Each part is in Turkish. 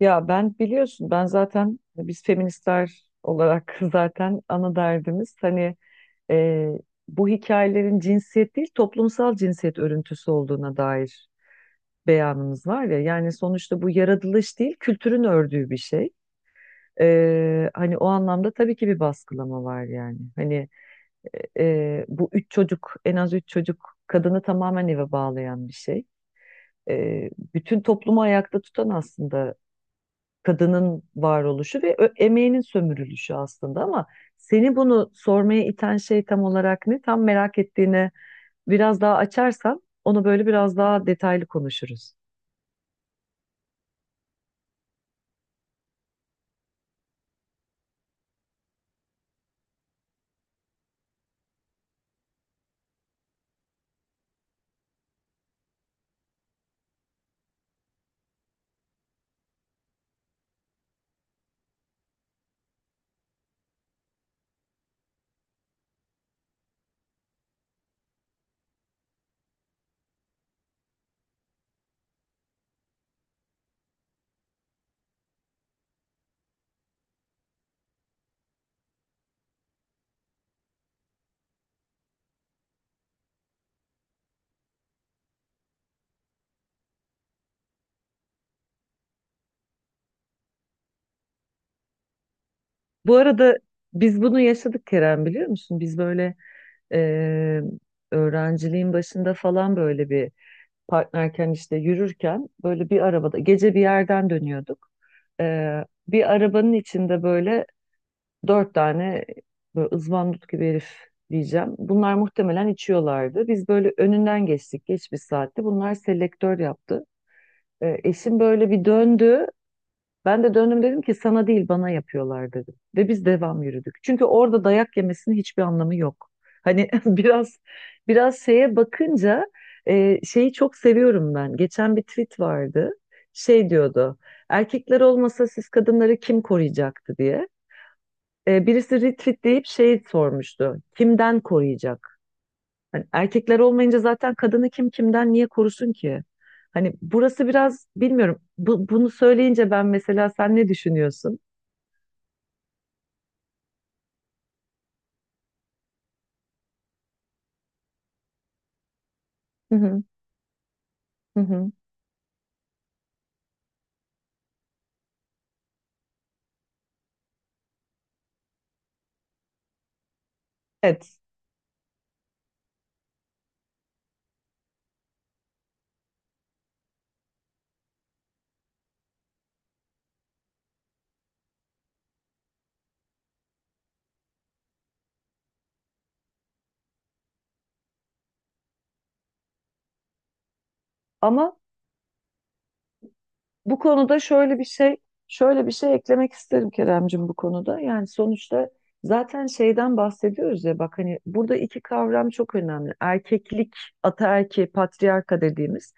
Ya ben biliyorsun, ben zaten biz feministler olarak zaten ana derdimiz hani e, bu hikayelerin cinsiyet değil toplumsal cinsiyet örüntüsü olduğuna dair beyanımız var ya. Yani sonuçta bu yaratılış değil, kültürün ördüğü bir şey. Hani o anlamda tabii ki bir baskılama var yani. Hani bu üç çocuk, en az üç çocuk kadını tamamen eve bağlayan bir şey. Bütün toplumu ayakta tutan aslında kadının varoluşu ve emeğinin sömürülüşü aslında. Ama seni bunu sormaya iten şey tam olarak ne? Tam merak ettiğine biraz daha açarsan onu böyle biraz daha detaylı konuşuruz. Bu arada biz bunu yaşadık Kerem, biliyor musun? Biz böyle, e, öğrenciliğin başında falan böyle bir partnerken, işte yürürken, böyle bir arabada gece bir yerden dönüyorduk. E, Bir arabanın içinde böyle dört tane böyle ızvandut gibi herif diyeceğim. Bunlar muhtemelen içiyorlardı. Biz böyle önünden geçtik geç bir saatte. Bunlar selektör yaptı. Eşim böyle bir döndü. Ben de döndüm, dedim ki sana değil, bana yapıyorlar dedim. Ve biz devam yürüdük. Çünkü orada dayak yemesinin hiçbir anlamı yok. Hani biraz şeye bakınca, şeyi çok seviyorum ben. Geçen bir tweet vardı. Şey diyordu. Erkekler olmasa siz kadınları kim koruyacaktı diye. Birisi retweet şey sormuştu. Kimden koruyacak? Hani erkekler olmayınca zaten kadını kim, kimden, niye korusun ki? Hani burası biraz bilmiyorum. Bunu söyleyince ben, mesela sen ne düşünüyorsun? Hı hı, hı hı. Evet. Ama bu konuda şöyle bir şey, şöyle bir şey eklemek isterim Keremcim bu konuda. Yani sonuçta zaten şeyden bahsediyoruz ya, bak hani burada iki kavram çok önemli. Erkeklik, ataerki, patriarka dediğimiz.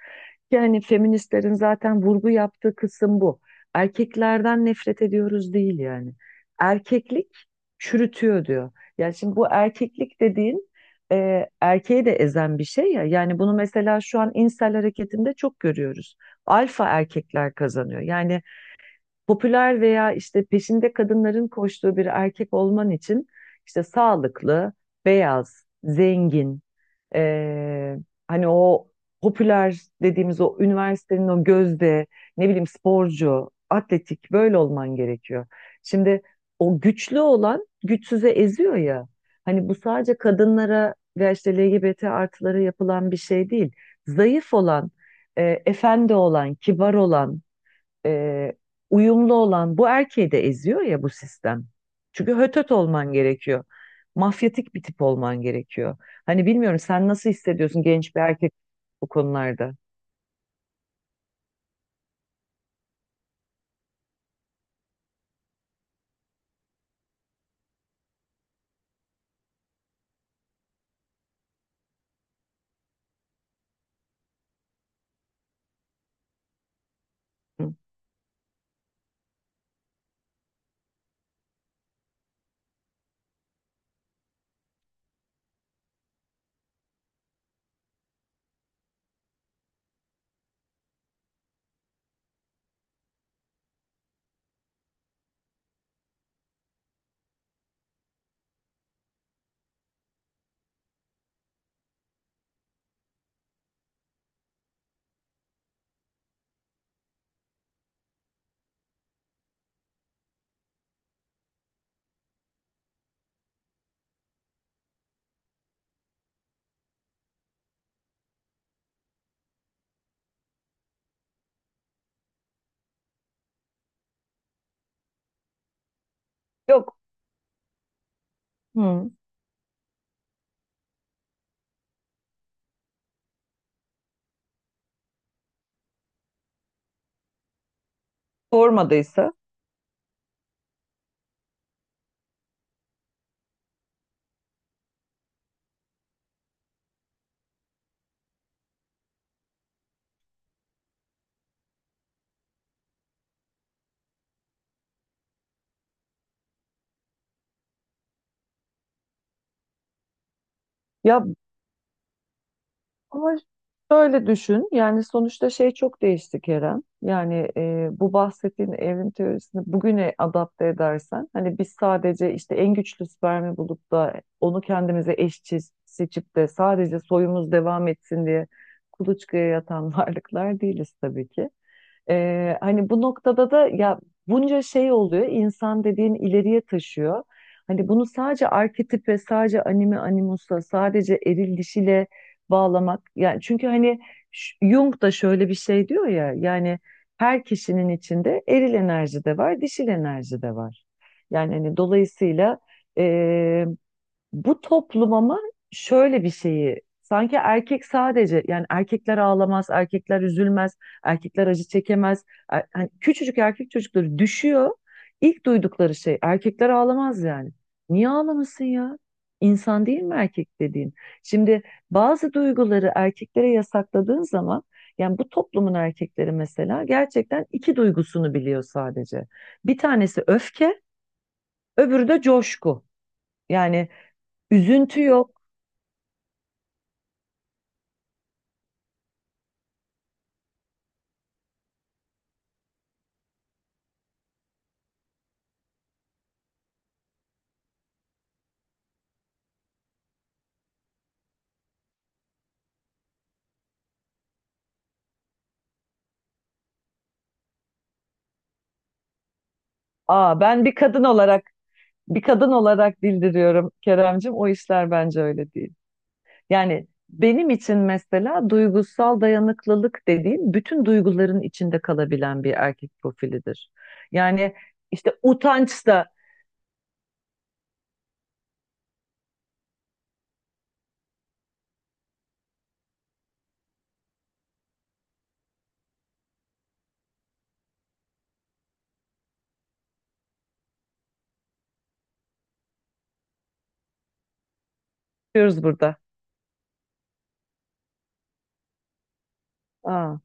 Yani feministlerin zaten vurgu yaptığı kısım bu. Erkeklerden nefret ediyoruz değil yani. Erkeklik çürütüyor diyor. Yani şimdi bu erkeklik dediğin erkeği de ezen bir şey ya. Yani bunu mesela şu an insel hareketinde çok görüyoruz. Alfa erkekler kazanıyor. Yani popüler veya işte peşinde kadınların koştuğu bir erkek olman için işte sağlıklı, beyaz, zengin, ee, hani o popüler dediğimiz o üniversitenin o gözde, ne bileyim, sporcu, atletik böyle olman gerekiyor. Şimdi o güçlü olan güçsüze eziyor ya. Hani bu sadece kadınlara veya işte LGBT artılara yapılan bir şey değil. Zayıf olan, efendi olan, kibar olan, e, uyumlu olan bu erkeği de eziyor ya bu sistem. Çünkü hötöt olman gerekiyor. Mafyatik bir tip olman gerekiyor. Hani bilmiyorum, sen nasıl hissediyorsun genç bir erkek bu konularda? Hı. Yok. Hı. Sormadıysa. Ya. Ama şöyle düşün, yani sonuçta şey çok değişti Kerem. Yani bu bahsettiğin evrim teorisini bugüne adapte edersen, hani biz sadece işte en güçlü spermi bulup da onu kendimize eşçi seçip de sadece soyumuz devam etsin diye kuluçkaya yatan varlıklar değiliz tabii ki. Hani bu noktada da ya bunca şey oluyor. İnsan dediğin ileriye taşıyor. Hani bunu sadece arketip ve sadece anime animusla, sadece eril dişiyle bağlamak. Yani çünkü hani Jung da şöyle bir şey diyor ya. Yani her kişinin içinde eril enerji de var, dişil enerji de var. Yani hani dolayısıyla bu toplum, ama şöyle bir şeyi sanki erkek sadece, yani erkekler ağlamaz, erkekler üzülmez, erkekler acı çekemez. Hani küçücük erkek çocukları düşüyor. İlk duydukları şey erkekler ağlamaz yani. Niye ağlamasın ya? İnsan değil mi erkek dediğin? Şimdi bazı duyguları erkeklere yasakladığın zaman, yani bu toplumun erkekleri mesela gerçekten iki duygusunu biliyor sadece. Bir tanesi öfke, öbürü de coşku. Yani üzüntü yok. Aa, ben bir kadın olarak, bir kadın olarak bildiriyorum Keremcim. O işler bence öyle değil. Yani benim için mesela duygusal dayanıklılık dediğim bütün duyguların içinde kalabilen bir erkek profilidir. Yani işte utanç da diyoruz burada. Aa.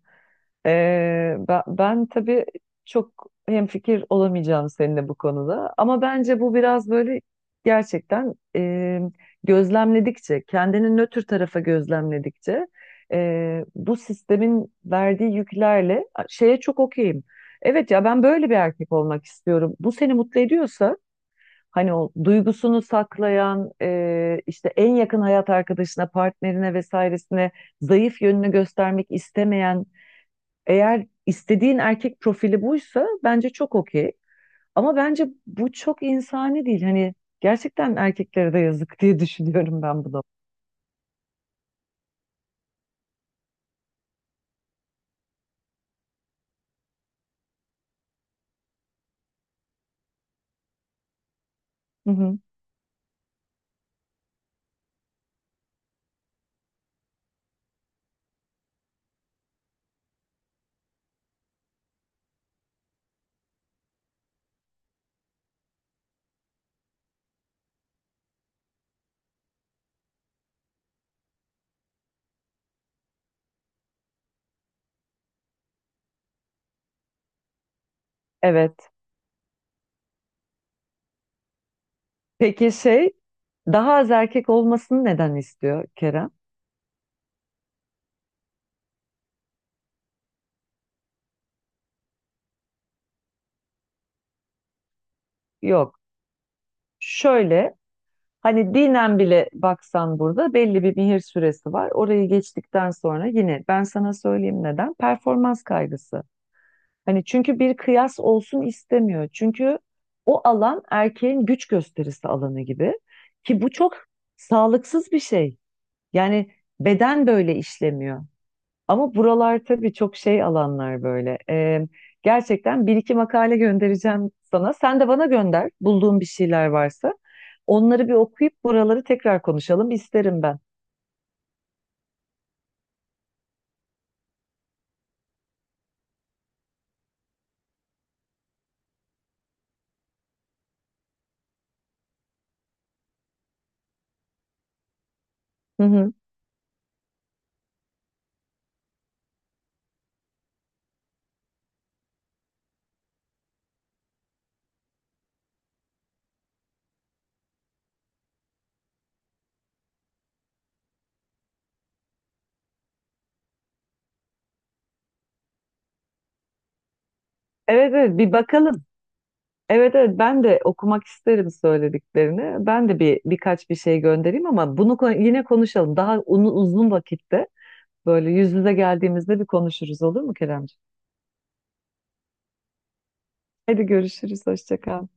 Ben tabii çok hemfikir olamayacağım seninle bu konuda. Ama bence bu biraz böyle gerçekten, gözlemledikçe, kendini nötr tarafa gözlemledikçe, bu sistemin verdiği yüklerle şeye çok okeyim. Evet ya, ben böyle bir erkek olmak istiyorum. Bu seni mutlu ediyorsa, hani o duygusunu saklayan, işte en yakın hayat arkadaşına, partnerine vesairesine zayıf yönünü göstermek istemeyen, eğer istediğin erkek profili buysa bence çok okey. Ama bence bu çok insani değil. Hani gerçekten erkeklere de yazık diye düşünüyorum ben bunu. Hı hı. Evet. Peki şey, daha az erkek olmasını neden istiyor Kerem? Yok. Şöyle, hani dinen bile baksan burada belli bir mihir süresi var. Orayı geçtikten sonra yine ben sana söyleyeyim neden? Performans kaygısı. Hani çünkü bir kıyas olsun istemiyor. Çünkü o alan erkeğin güç gösterisi alanı gibi, ki bu çok sağlıksız bir şey. Yani beden böyle işlemiyor. Ama buralar tabii çok şey alanlar böyle. Gerçekten bir iki makale göndereceğim sana. Sen de bana gönder bulduğun bir şeyler varsa. Onları bir okuyup buraları tekrar konuşalım isterim ben. Hı hı. Evet evet, bir bakalım. Evet evet, ben de okumak isterim söylediklerini. Ben de birkaç bir şey göndereyim, ama bunu yine konuşalım. Daha uzun vakitte böyle yüz yüze geldiğimizde bir konuşuruz olur mu Keremciğim? Hadi görüşürüz. Hoşça kal.